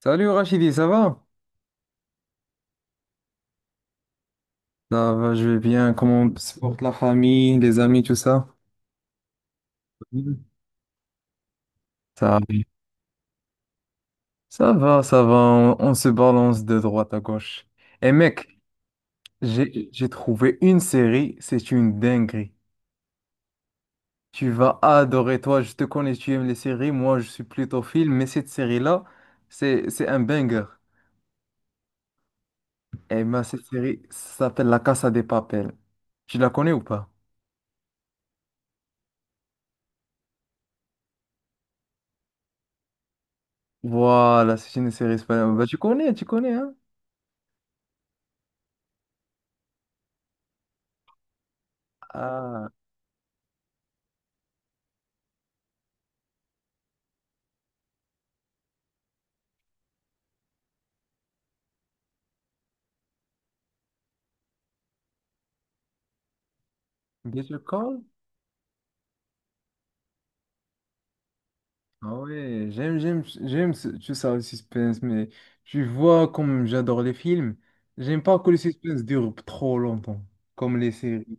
Salut Rachidi, ça va? Ça va, je vais bien. Comment se porte la famille, les amis, tout ça? Mhm. Ça, ça va, ça va. On se balance de droite à gauche. Et mec, j'ai trouvé une série, c'est une dinguerie. Tu vas adorer, toi, je te connais, tu aimes les séries. Moi, je suis plutôt film, mais cette série-là, c'est un banger. Et ben, cette série s'appelle La Casa des Papel. Tu la connais ou pas? Voilà, c'est une série espagnole. Bah, tu connais, hein? Ah. Better Call? Ah ouais, j'aime, le suspense, mais tu vois, comme j'adore les films, j'aime pas que le suspense dure trop longtemps, comme les séries.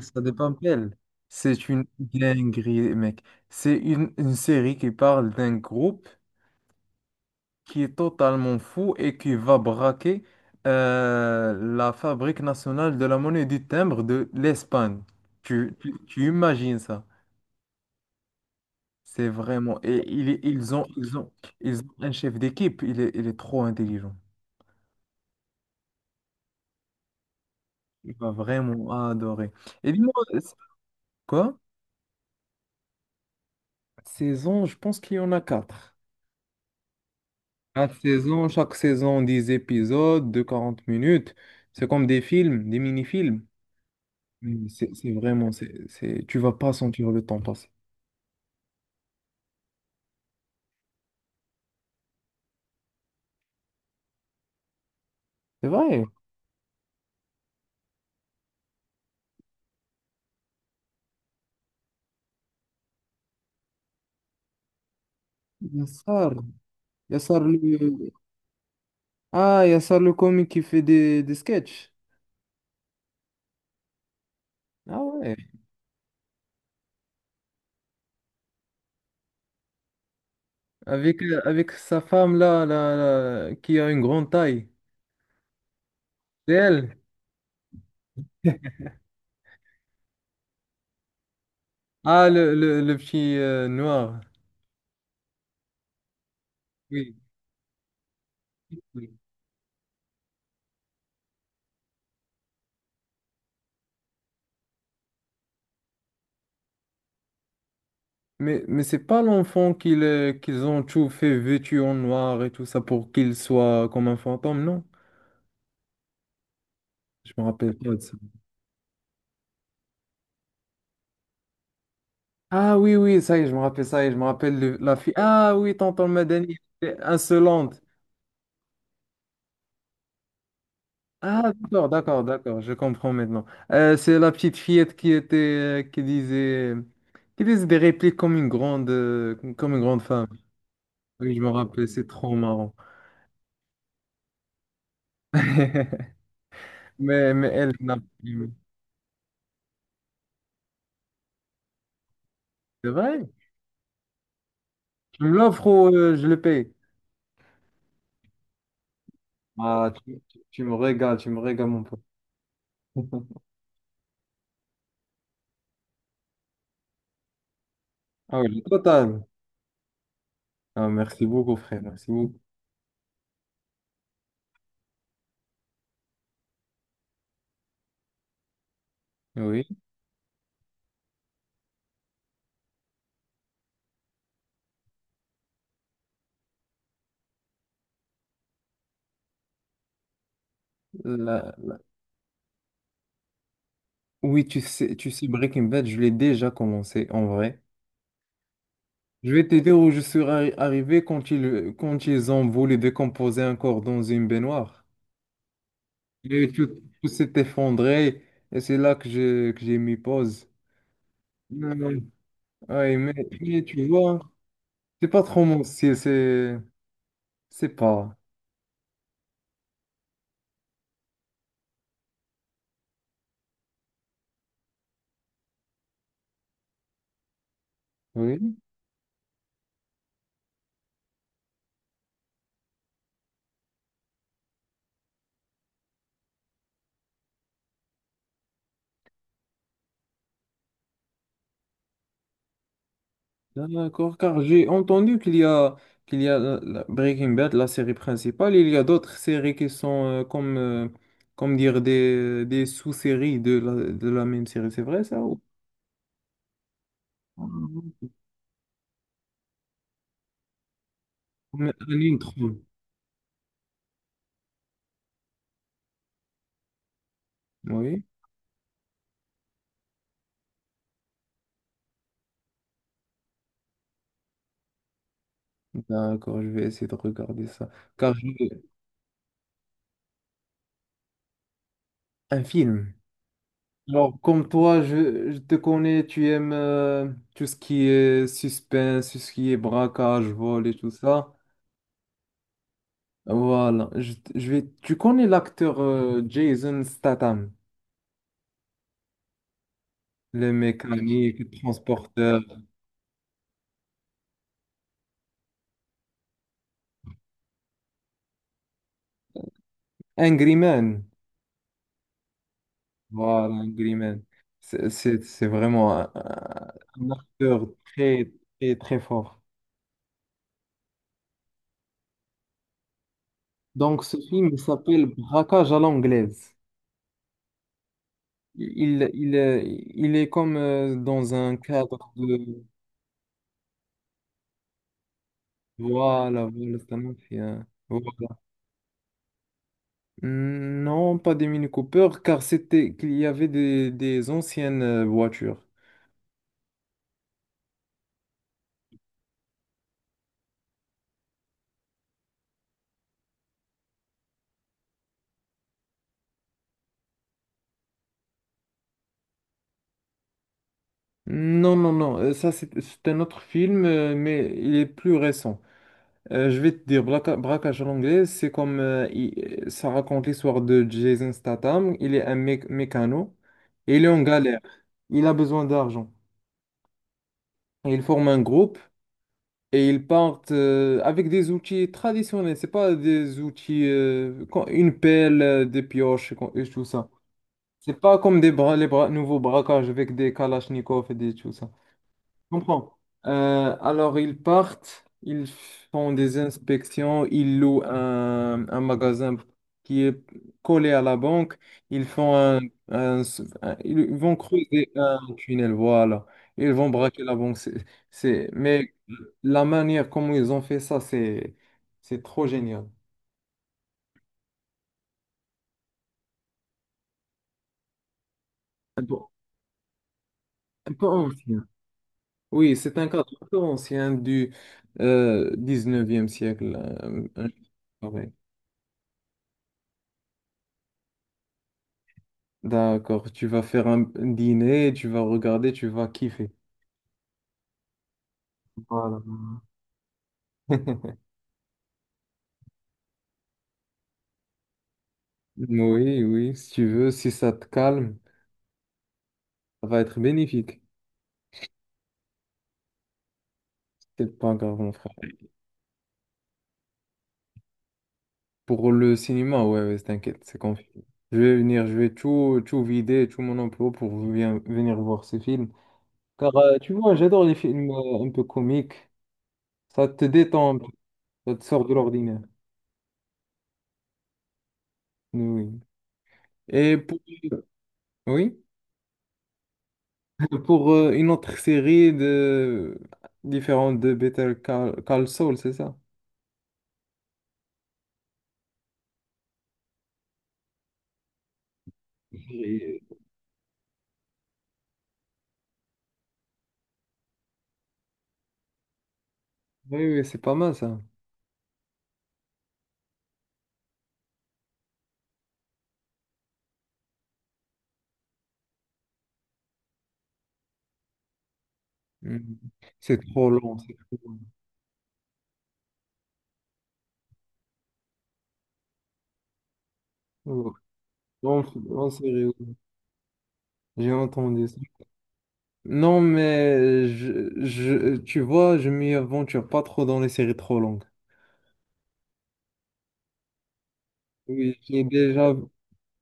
Ça dépend d'elle. C'est une dinguerie, mec. C'est une série qui parle d'un groupe qui est totalement fou et qui va braquer la Fabrique nationale de la monnaie du timbre de l'Espagne. Tu imagines ça? C'est vraiment. Ils ont un chef d'équipe. Il est trop intelligent. Il va vraiment adorer. Et dis-moi, c'est- quoi? Saison, je pense qu'il y en a quatre. Quatre saisons, chaque saison, 10 épisodes de 40 minutes. C'est comme des films, des mini-films. Mais c'est vraiment, c'est, tu vas pas sentir le temps passer. C'est vrai. Yassar, Yassar le... Ah, Yassar le comique qui fait des sketchs. Ah ouais. Avec, avec sa femme là, qui a une grande taille. C'est elle. Ah, le petit noir. Oui. Oui. Mais c'est pas l'enfant qu'ils qu'ils ont tout fait vêtu en noir et tout ça pour qu'il soit comme un fantôme, non? Je me rappelle pas de ça. Oui, ça y est, je me rappelle ça y est, je me rappelle la fille. Ah oui, tonton Madani, elle était insolente. Ah, d'accord, je comprends maintenant. C'est la petite fillette qui était, qui disait des répliques comme une grande femme. Oui, je me rappelle, c'est trop marrant. Mais elle n'a plus. C'est vrai? Tu me l'offres ou je le paye? Ah, tu me régales, mon pote. Ah oui, le total. Ah, merci beaucoup, frère, merci beaucoup. Oui, la- oui, tu sais, Breaking Bad, je l'ai déjà commencé en vrai. Je vais te dire où je suis arrivé quand ils ont voulu décomposer un corps dans une baignoire. Et tout, tout s'est effondré et c'est là que que j'ai mis pause. Non, non. Ouais, mais tu vois, c'est pas trop mon style, c'est pas. Oui, d'accord, car j'ai entendu qu'il y a la Breaking Bad, la série principale, il y a d'autres séries qui sont comme, comme dire des sous-séries de la même série, c'est vrai ça? Ou- Mais la ligne 3. Oui, d'accord, je vais essayer de regarder ça. Car je... un film. Alors, comme toi, je te connais, tu aimes tout ce qui est suspense, tout ce qui est braquage, vol et tout ça. Voilà, je vais... Tu connais l'acteur Jason Statham, le mécanique, le transporteur, Angry Man. Voilà, Angry Man. C'est vraiment un acteur très fort. Donc, ce film il s'appelle Braquage à l'anglaise. Il est comme dans un cadre de... Voilà, voilà, c'est un mafia. Voilà. Non, pas des Mini Cooper, car c'était qu'il y avait des anciennes voitures. Non, non, non, ça c'est un autre film, mais il est plus récent. Je vais te dire, braquage en anglais, c'est comme ça raconte l'histoire de Jason Statham. Il est un mécano et il est en galère. Il a besoin d'argent. Et il forme un groupe et ils partent avec des outils traditionnels. C'est pas des outils, une pelle, des pioches et, et tout ça. C'est pas comme des bras, les bras nouveaux braquages avec des kalachnikovs et des tout ça. Je comprends. Alors, ils partent, ils font des inspections, ils louent un magasin qui est collé à la banque, ils font un, un- ils vont creuser un tunnel, voilà. Ils vont braquer la banque. Mais la manière comment ils ont fait ça, c'est trop génial. Un peu, un peu ancien. Oui, c'est un cadre un peu ancien du 19e siècle. Un- D'accord, tu vas faire un dîner, tu vas regarder, tu vas kiffer. Voilà. Oui, oui, si tu veux, si ça te calme, ça va être bénéfique. C'est pas grave, mon frère. Pour le cinéma, ouais, ouais, t'inquiète, c'est confiant. Je vais venir, je vais tout, tout vider, tout mon emploi pour venir voir ces films. Car tu vois, j'adore les films un peu comiques. Ça te détend, un peu, ça te sort de l'ordinaire. Oui. Et pour... Oui? Pour une autre série de... différente de Call Saul, c'est ça? Et- Oui, oui, c'est pas mal ça. Mm. C'est trop long, c'est trop long. Non, en série, j'ai entendu ça. Non, mais tu vois, je m'y aventure pas trop dans les séries trop longues. Oui,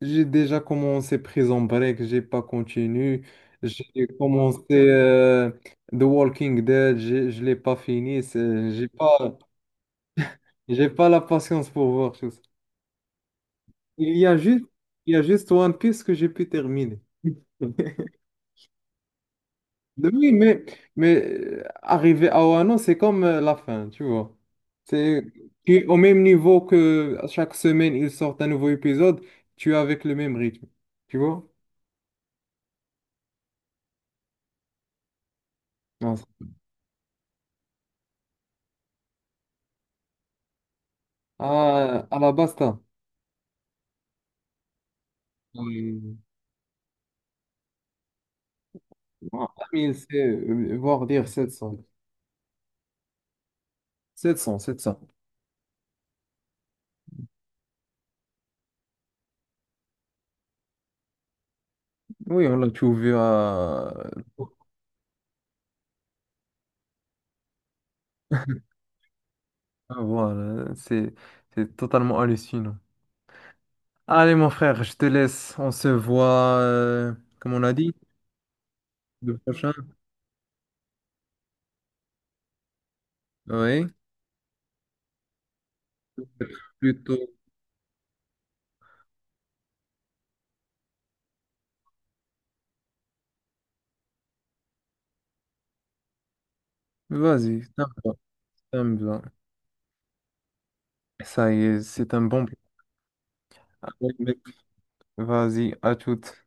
j'ai déjà commencé Prison Break, j'ai pas continué. J'ai commencé The Walking Dead, je l'ai pas fini. J'ai pas la patience pour voir tout ça. Il y a juste, il y a juste One Piece que j'ai pu terminer. Oui, mais arriver à Wano, c'est comme la fin, tu vois. C'est tu- au même niveau que chaque semaine, ils sortent un nouveau épisode, tu es avec le même rythme, tu vois. Non, à la basta. Oui. Non, 1000, c'est voire dire 700. 700, 700. Oui, on l'a trouvé à... Voilà, c'est totalement hallucinant. Allez, mon frère, je te laisse. On se voit, comme on a dit, le prochain. Oui, peut-être plus tôt. Vas-y, ça me va. Ça y est, c'est un bon plan. Vas-y, à toutes.